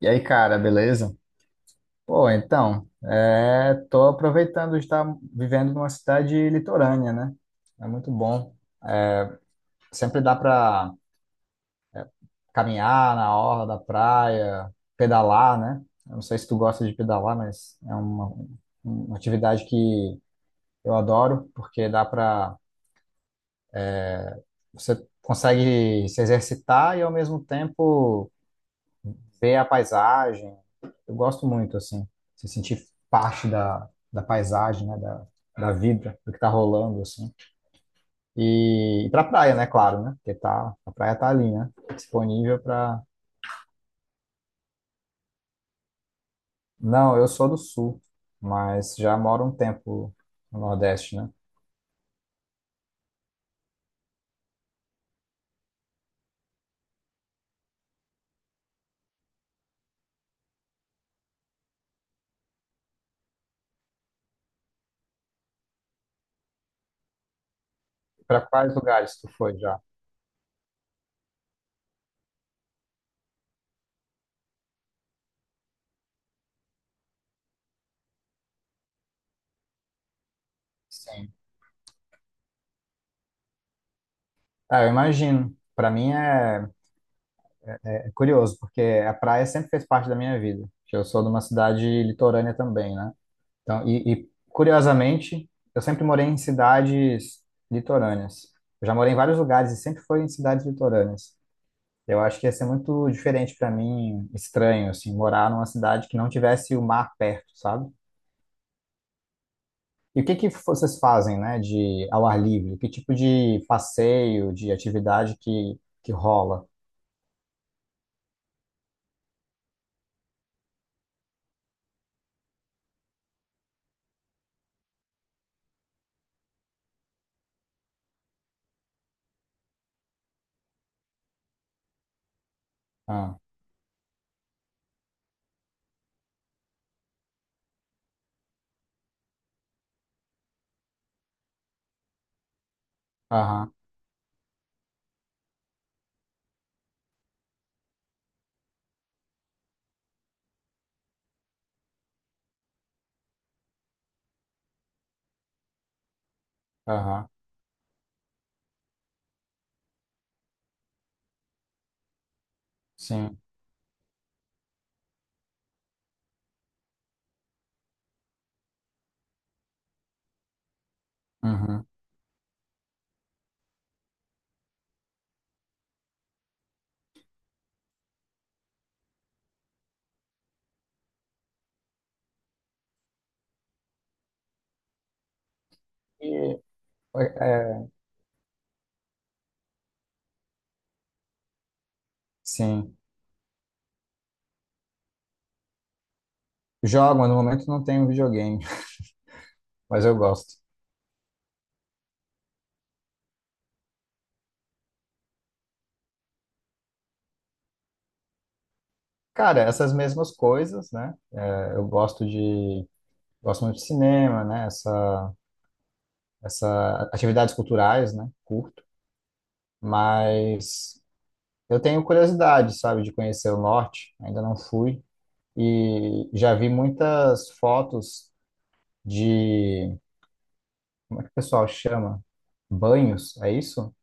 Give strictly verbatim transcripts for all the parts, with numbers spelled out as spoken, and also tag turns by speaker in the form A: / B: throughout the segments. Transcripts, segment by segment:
A: E aí, cara, beleza? Pô, então, é, tô aproveitando de estar vivendo numa cidade litorânea, né? É muito bom. É, Sempre dá pra caminhar na orla da praia, pedalar, né? Eu não sei se tu gosta de pedalar, mas é uma, uma atividade que eu adoro, porque dá pra... Você consegue se exercitar e, ao mesmo tempo, ver a paisagem. Eu gosto muito, assim, se sentir parte da, da paisagem, né, da, da vida, do que tá rolando, assim. E, e pra praia, né, claro, né? Porque tá, a praia tá ali, né? Disponível pra. Não, eu sou do sul, mas já moro um tempo no Nordeste, né? Pra quais lugares tu foi já? Sim. Ah, eu imagino. Pra mim é, é curioso, porque a praia sempre fez parte da minha vida. Eu sou de uma cidade litorânea também, né? Então, e, e, curiosamente, eu sempre morei em cidades litorâneas. Eu já morei em vários lugares e sempre foi em cidades litorâneas. Eu acho que ia ser muito diferente para mim, estranho, assim, morar numa cidade que não tivesse o mar perto, sabe? E o que que vocês fazem, né, de ao ar livre? Que tipo de passeio, de atividade que, que rola? Ah, aham, aham, sim, uhum. E, é, sim. Jogam, no momento não tenho videogame, mas eu gosto. Cara, essas mesmas coisas, né? Eu gosto de, gosto muito de cinema, né? Essa, essa atividades culturais, né? Curto, mas eu tenho curiosidade, sabe, de conhecer o norte. Ainda não fui e já vi muitas fotos de, como é que o pessoal chama? Banhos, é isso?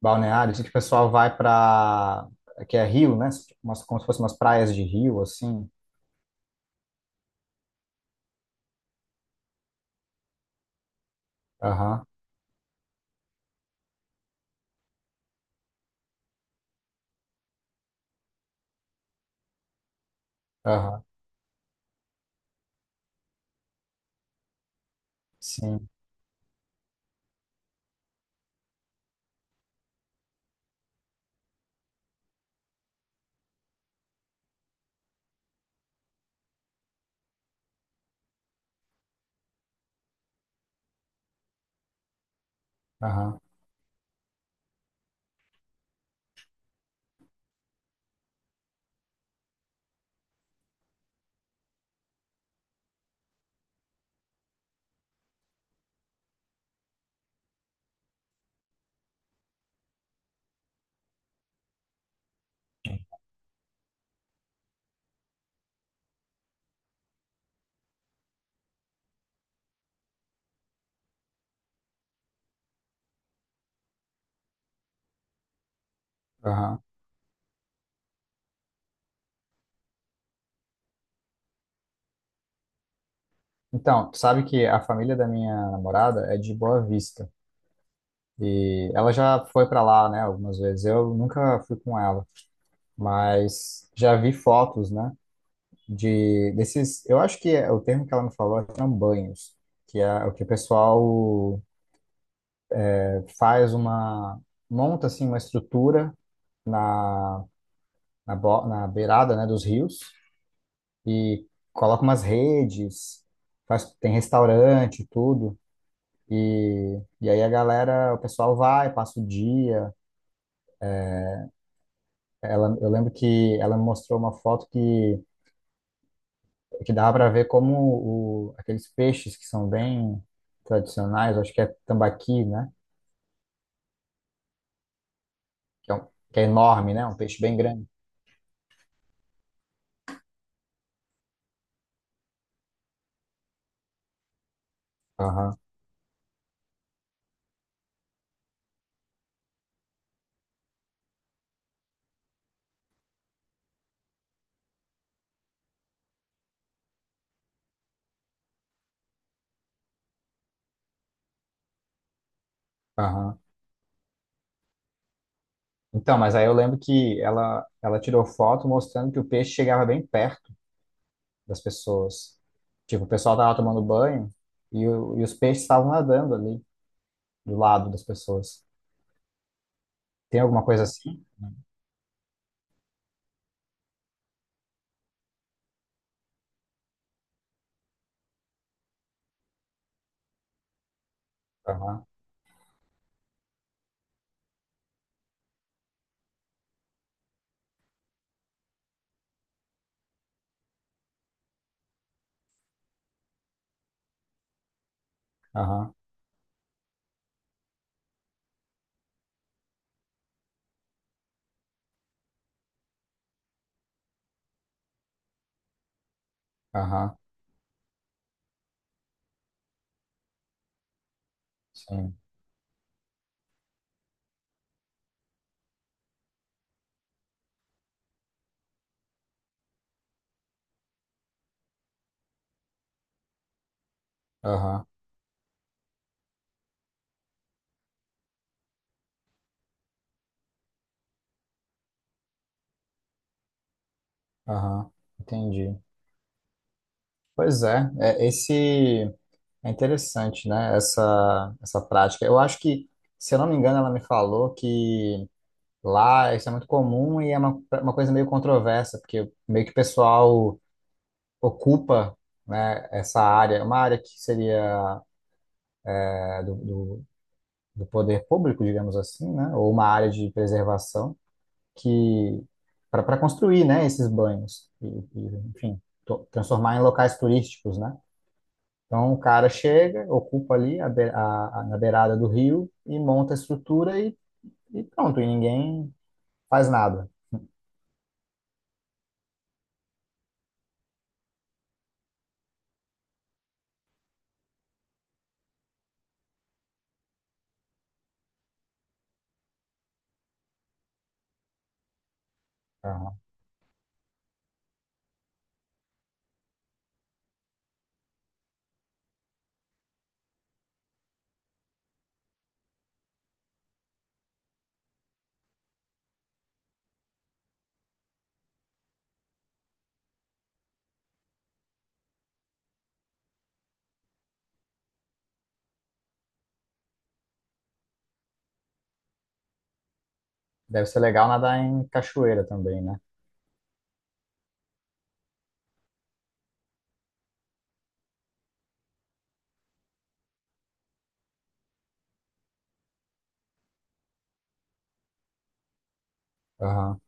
A: Balneários, que o pessoal vai para, que é rio, né? Umas, como se fossem umas praias de rio, assim. Aham, aham, sim, aham, aham. Então, tu sabe que a família da minha namorada é de Boa Vista. E ela já foi para lá, né, algumas vezes. Eu nunca fui com ela, mas já vi fotos, né, de desses, eu acho que é, o termo que ela me falou são banhos, que é o que o pessoal é, faz uma monta assim uma estrutura na na, bo- na beirada, né, dos rios e coloca umas redes, faz tem restaurante, e tudo. E, e aí a galera, o pessoal vai, passa o dia. Ela, eu lembro que ela me mostrou uma foto que, que dava para ver como o, aqueles peixes que são bem tradicionais, acho que é tambaqui, né? Que é, um- que é enorme, né? Um peixe bem grande. Aham, aham. Então, mas aí eu lembro que ela, ela tirou foto mostrando que o peixe chegava bem perto das pessoas. Tipo, o pessoal tava tomando banho e, o, e os peixes estavam nadando ali do lado das pessoas. Tem alguma coisa assim? Aham. Aham, aham, sim, aham, aham, entendi. Pois é, é esse é interessante, né? Essa essa prática. Eu acho que, se eu não me engano, ela me falou que lá isso é muito comum e é uma, uma coisa meio controversa, porque meio que o pessoal ocupa, né, essa área, uma área que seria é, do, do do poder público, digamos assim, né? Ou uma área de preservação. Que para construir, né, esses banhos e, e, enfim, to- transformar em locais turísticos, né? Então o cara chega, ocupa ali a, be- a- a- na beirada do rio e monta a estrutura e, e pronto, e ninguém faz nada. Aham. Deve ser legal nadar em cachoeira também, né? Aham,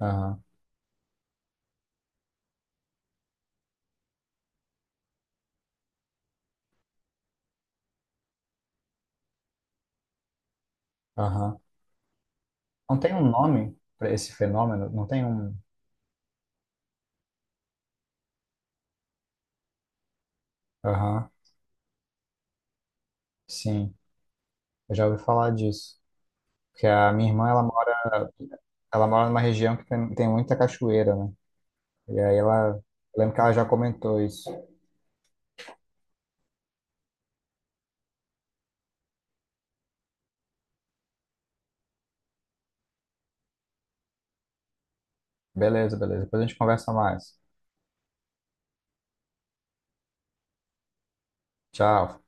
A: aham, aham. Não tem um nome para esse fenômeno? Não tem um. Aham, sim. Eu já ouvi falar disso. Que a minha irmã, ela mora, ela mora numa região que tem, tem muita cachoeira, né? E aí ela, lembro que ela já comentou isso. Beleza, beleza. Depois a gente conversa mais. Tchau.